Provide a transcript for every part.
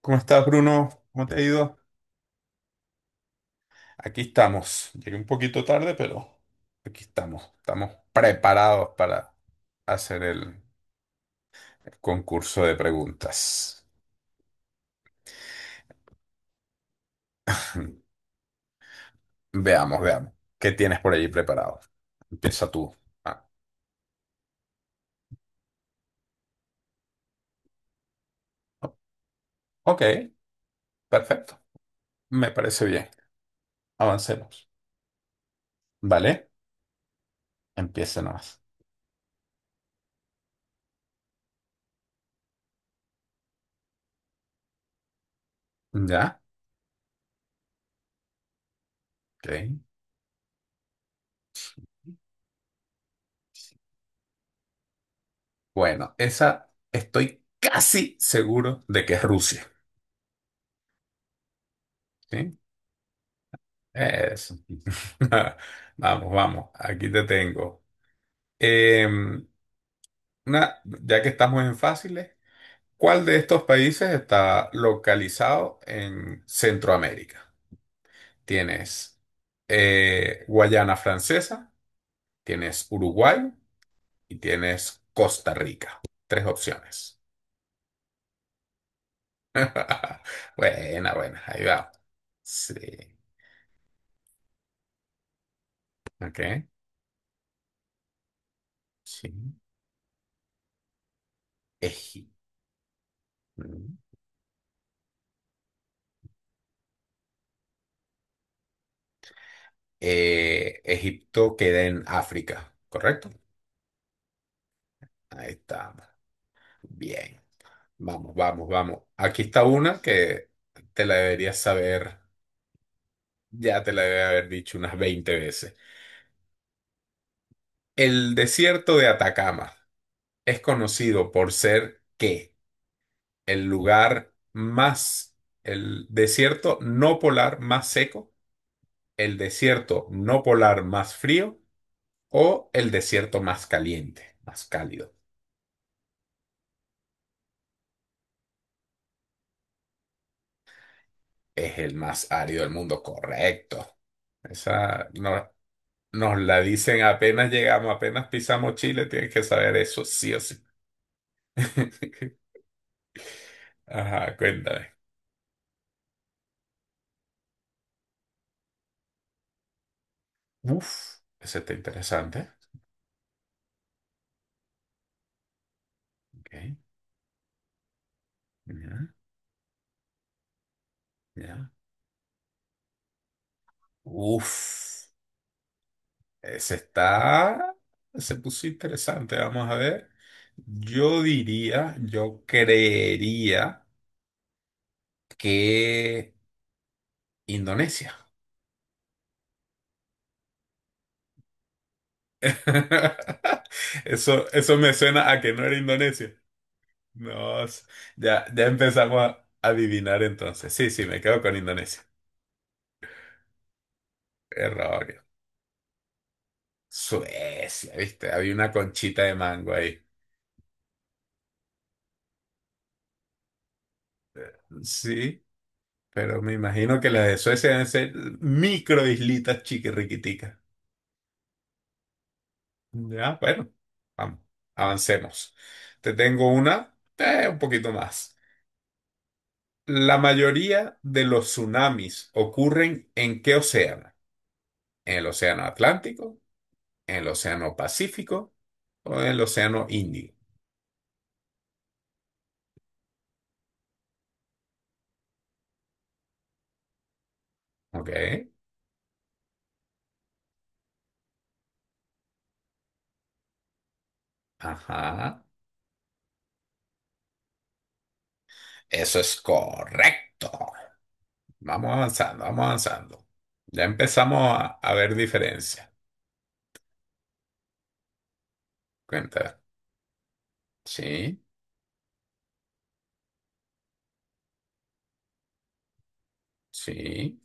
¿Cómo estás, Bruno? ¿Cómo te ha ido? Aquí estamos. Llegué un poquito tarde, pero aquí estamos. Estamos preparados para hacer el concurso de preguntas. Veamos, veamos. ¿Qué tienes por allí preparado? Empieza tú. Ah, o- ok, perfecto. Me parece bien. Avancemos. ¿Vale? Empieza nomás. ¿Ya? Ok. Bueno, esa estoy casi seguro de que es Rusia. ¿Sí? Eso. Vamos, vamos, aquí te tengo. Em, una, ya que estamos en fáciles, ¿cuál de estos países está localizado en Centroamérica? Tienes Guayana Francesa, tienes Uruguay y tienes Costa Rica. Tres opciones. Buena, buena, ahí va. Sí. Ok. Sí. Eji. Egipto queda en África, ¿correcto? Ahí está. Bien. Vamos, vamos, vamos. Aquí está una que te la deberías saber, ya te la debe haber dicho unas 20 veces. El desierto de Atacama es conocido por ser ¿qué? El lugar más, el desierto no polar más seco, el desierto no polar más frío o el desierto más caliente, más cálido. Es el más árido del mundo, correcto. Esa no- nos la dicen apenas llegamos, apenas pisamos Chile, tienes que saber eso, sí o sí. Ajá, cuéntame. Uf, ese está interesante. Ok, ya, ya. Uf, ese está, se puso interesante, vamos a ver. Yo diría, yo creería que Indonesia. Eso me suena a que no era Indonesia. Nos, ya, ya empezamos a adivinar entonces. Sí, sí, me quedo con Indonesia. Error. Suecia, ¿viste? Había una conchita de mango ahí. Sí, pero me imagino que las de Suecia deben ser microislitas chiquirriquiticas. Ya, bueno, vamos, avancemos. Te tengo una, un poquito más. ¿La mayoría de los tsunamis ocurren en qué océano? En el Océano Atlántico, en el Océano Pacífico o en el Océano Índico. ¿Ok? Ajá. Eso es correcto. Vamos avanzando, vamos avanzando. Ya empezamos a ver diferencias. Cuenta. Sí, sí.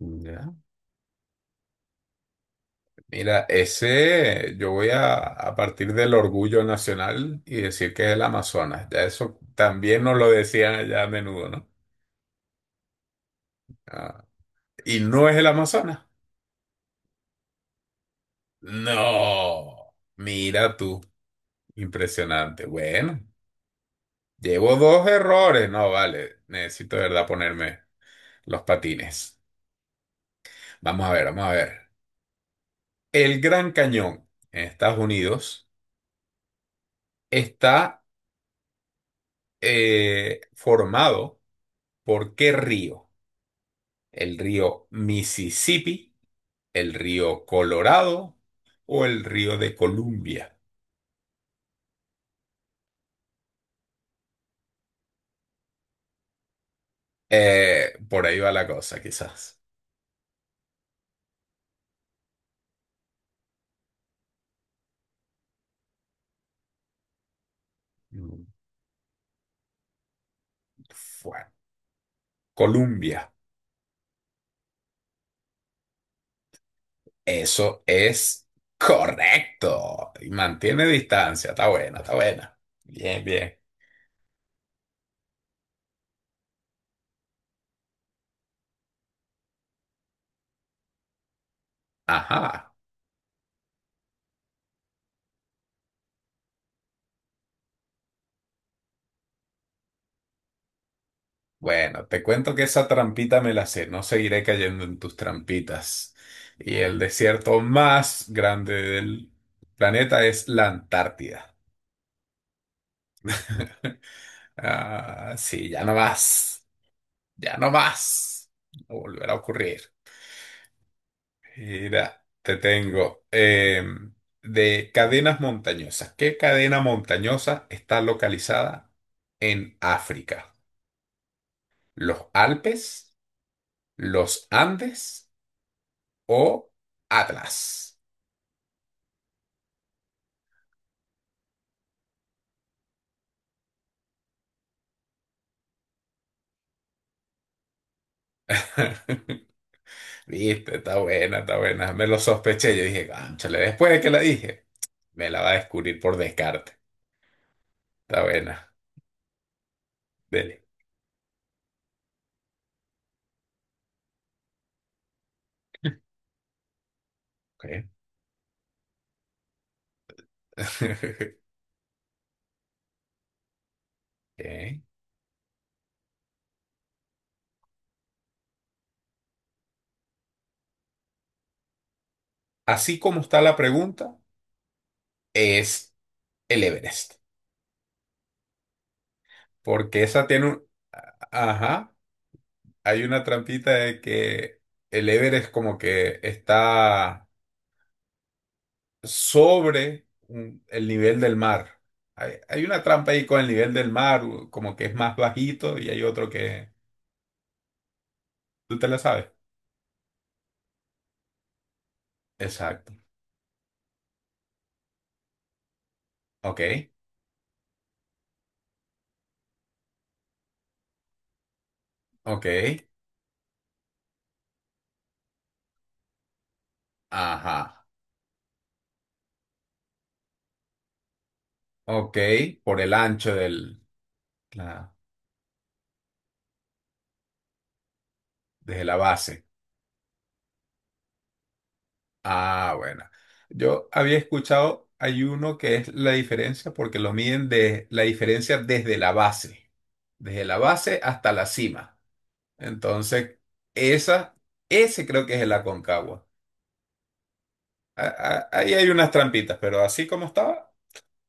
Ya. Mira, ese yo voy a partir del orgullo nacional y decir que es el Amazonas. Ya eso también nos lo decían allá a menudo, ¿no? Ah, y no es el Amazonas. No, mira tú. Impresionante. Bueno, llevo dos errores. No, vale. Necesito de verdad ponerme los patines. Vamos a ver, vamos a ver. El Gran Cañón en Estados Unidos está formado por ¿qué río? ¿El río Mississippi, el río Colorado o el río de Columbia? Por ahí va la cosa, quizás. Mm, Fue Columbia. Eso es correcto. Y mantiene distancia. Está buena, está buena. Bien, bien. Ajá. Bueno, te cuento que esa trampita me la sé. No seguiré cayendo en tus trampitas. Y el desierto más grande del planeta es la Antártida. Ah, sí, ya no más. Ya no más. No volverá a ocurrir. Mira, te tengo de cadenas montañosas. ¿Qué cadena montañosa está localizada en África? ¿Los Alpes, los Andes o Atlas? Viste, está buena, está buena. Me lo sospeché. Yo dije, cónchale, después de que la dije, me la va a descubrir por descarte. Está buena. Dele. Ok. Ok. Así como está la pregunta, es el Everest. Porque esa tiene un. Ajá, hay una trampita de que el Everest como que está sobre el nivel del mar. Hay una trampa ahí con el nivel del mar, como que es más bajito y hay otro que. ¿Tú te la sabes? Exacto. Ok, ok, ajá, ok, por el ancho del, la- desde la base. Ah, bueno. Yo había escuchado, hay uno que es la diferencia porque lo miden de la diferencia desde la base hasta la cima. Entonces, esa, ese creo que es el Aconcagua. Ahí hay unas trampitas, pero así como estaba,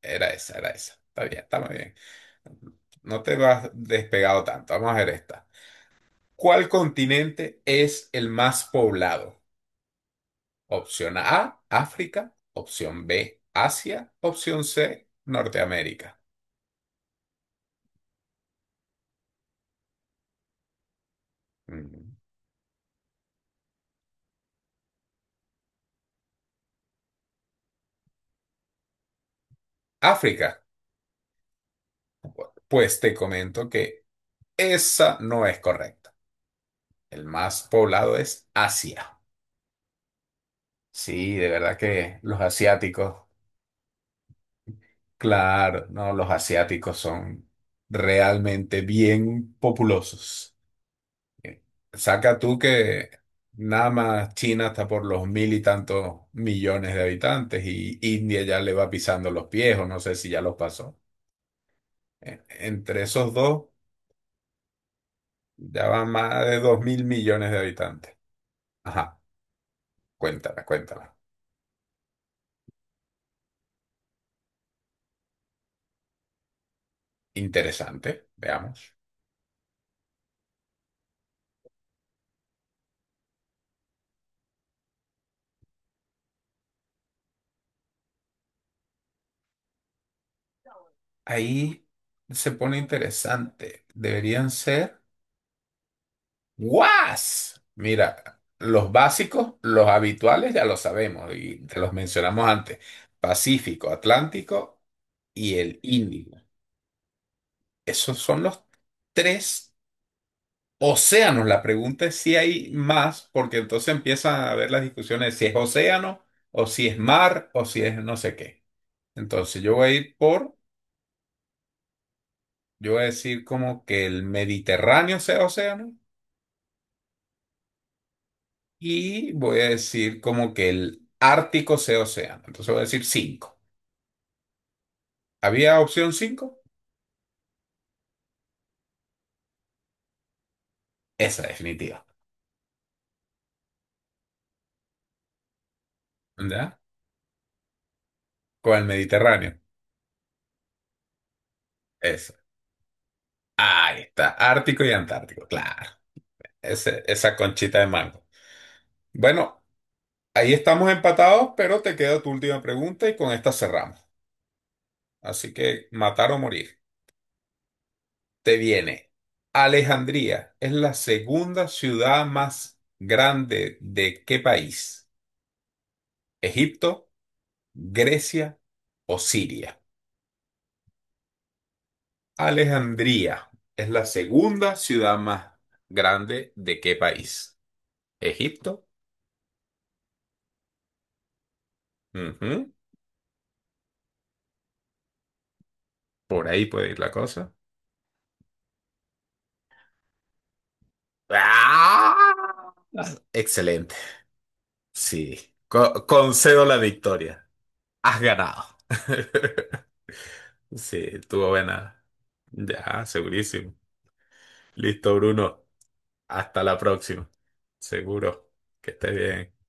era esa, era esa. Está bien, está muy bien. No te vas despegado tanto. Vamos a ver esta. ¿Cuál continente es el más poblado? Opción A, África. Opción B, Asia. Opción C, Norteamérica. Mm. África, pues te comento que esa no es correcta. El más poblado es Asia. Sí, de verdad que los asiáticos, claro, no, los asiáticos son realmente bien populosos. Saca tú que nada más China está por los mil y tantos millones de habitantes y India ya le va pisando los pies o no sé si ya los pasó. E- Entre esos dos ya van más de 2.000 millones de habitantes. Ajá, cuéntala, cuéntala. Interesante, veamos. Ahí se pone interesante. Deberían ser ¡Guas! Mira, los básicos, los habituales ya lo sabemos y te los mencionamos antes. Pacífico, Atlántico y el Índico. Esos son los tres océanos. La pregunta es si hay más, porque entonces empiezan a haber las discusiones de si es océano o si es mar o si es no sé qué. Entonces yo voy a ir por, yo voy a decir como que el Mediterráneo sea océano. Y voy a decir como que el Ártico sea océano. Entonces voy a decir cinco. ¿Había opción cinco? Esa definitiva. ¿Verdad? Con el Mediterráneo. Esa. Ahí está. Ártico y Antártico. Claro. Esa conchita de mango. Bueno, ahí estamos empatados, pero te queda tu última pregunta y con esta cerramos. Así que matar o morir. Te viene. ¿Alejandría es la segunda ciudad más grande de qué país? Egipto. Grecia o Siria. ¿Alejandría es la segunda ciudad más grande de qué país? Egipto. Ujú. Por ahí puede ir la cosa. ¡Ah! Excelente. Sí. Concedo la victoria. Has ganado. Sí, estuvo buena. Ya, segurísimo. Listo, Bruno. Hasta la próxima. Seguro. Que estés bien.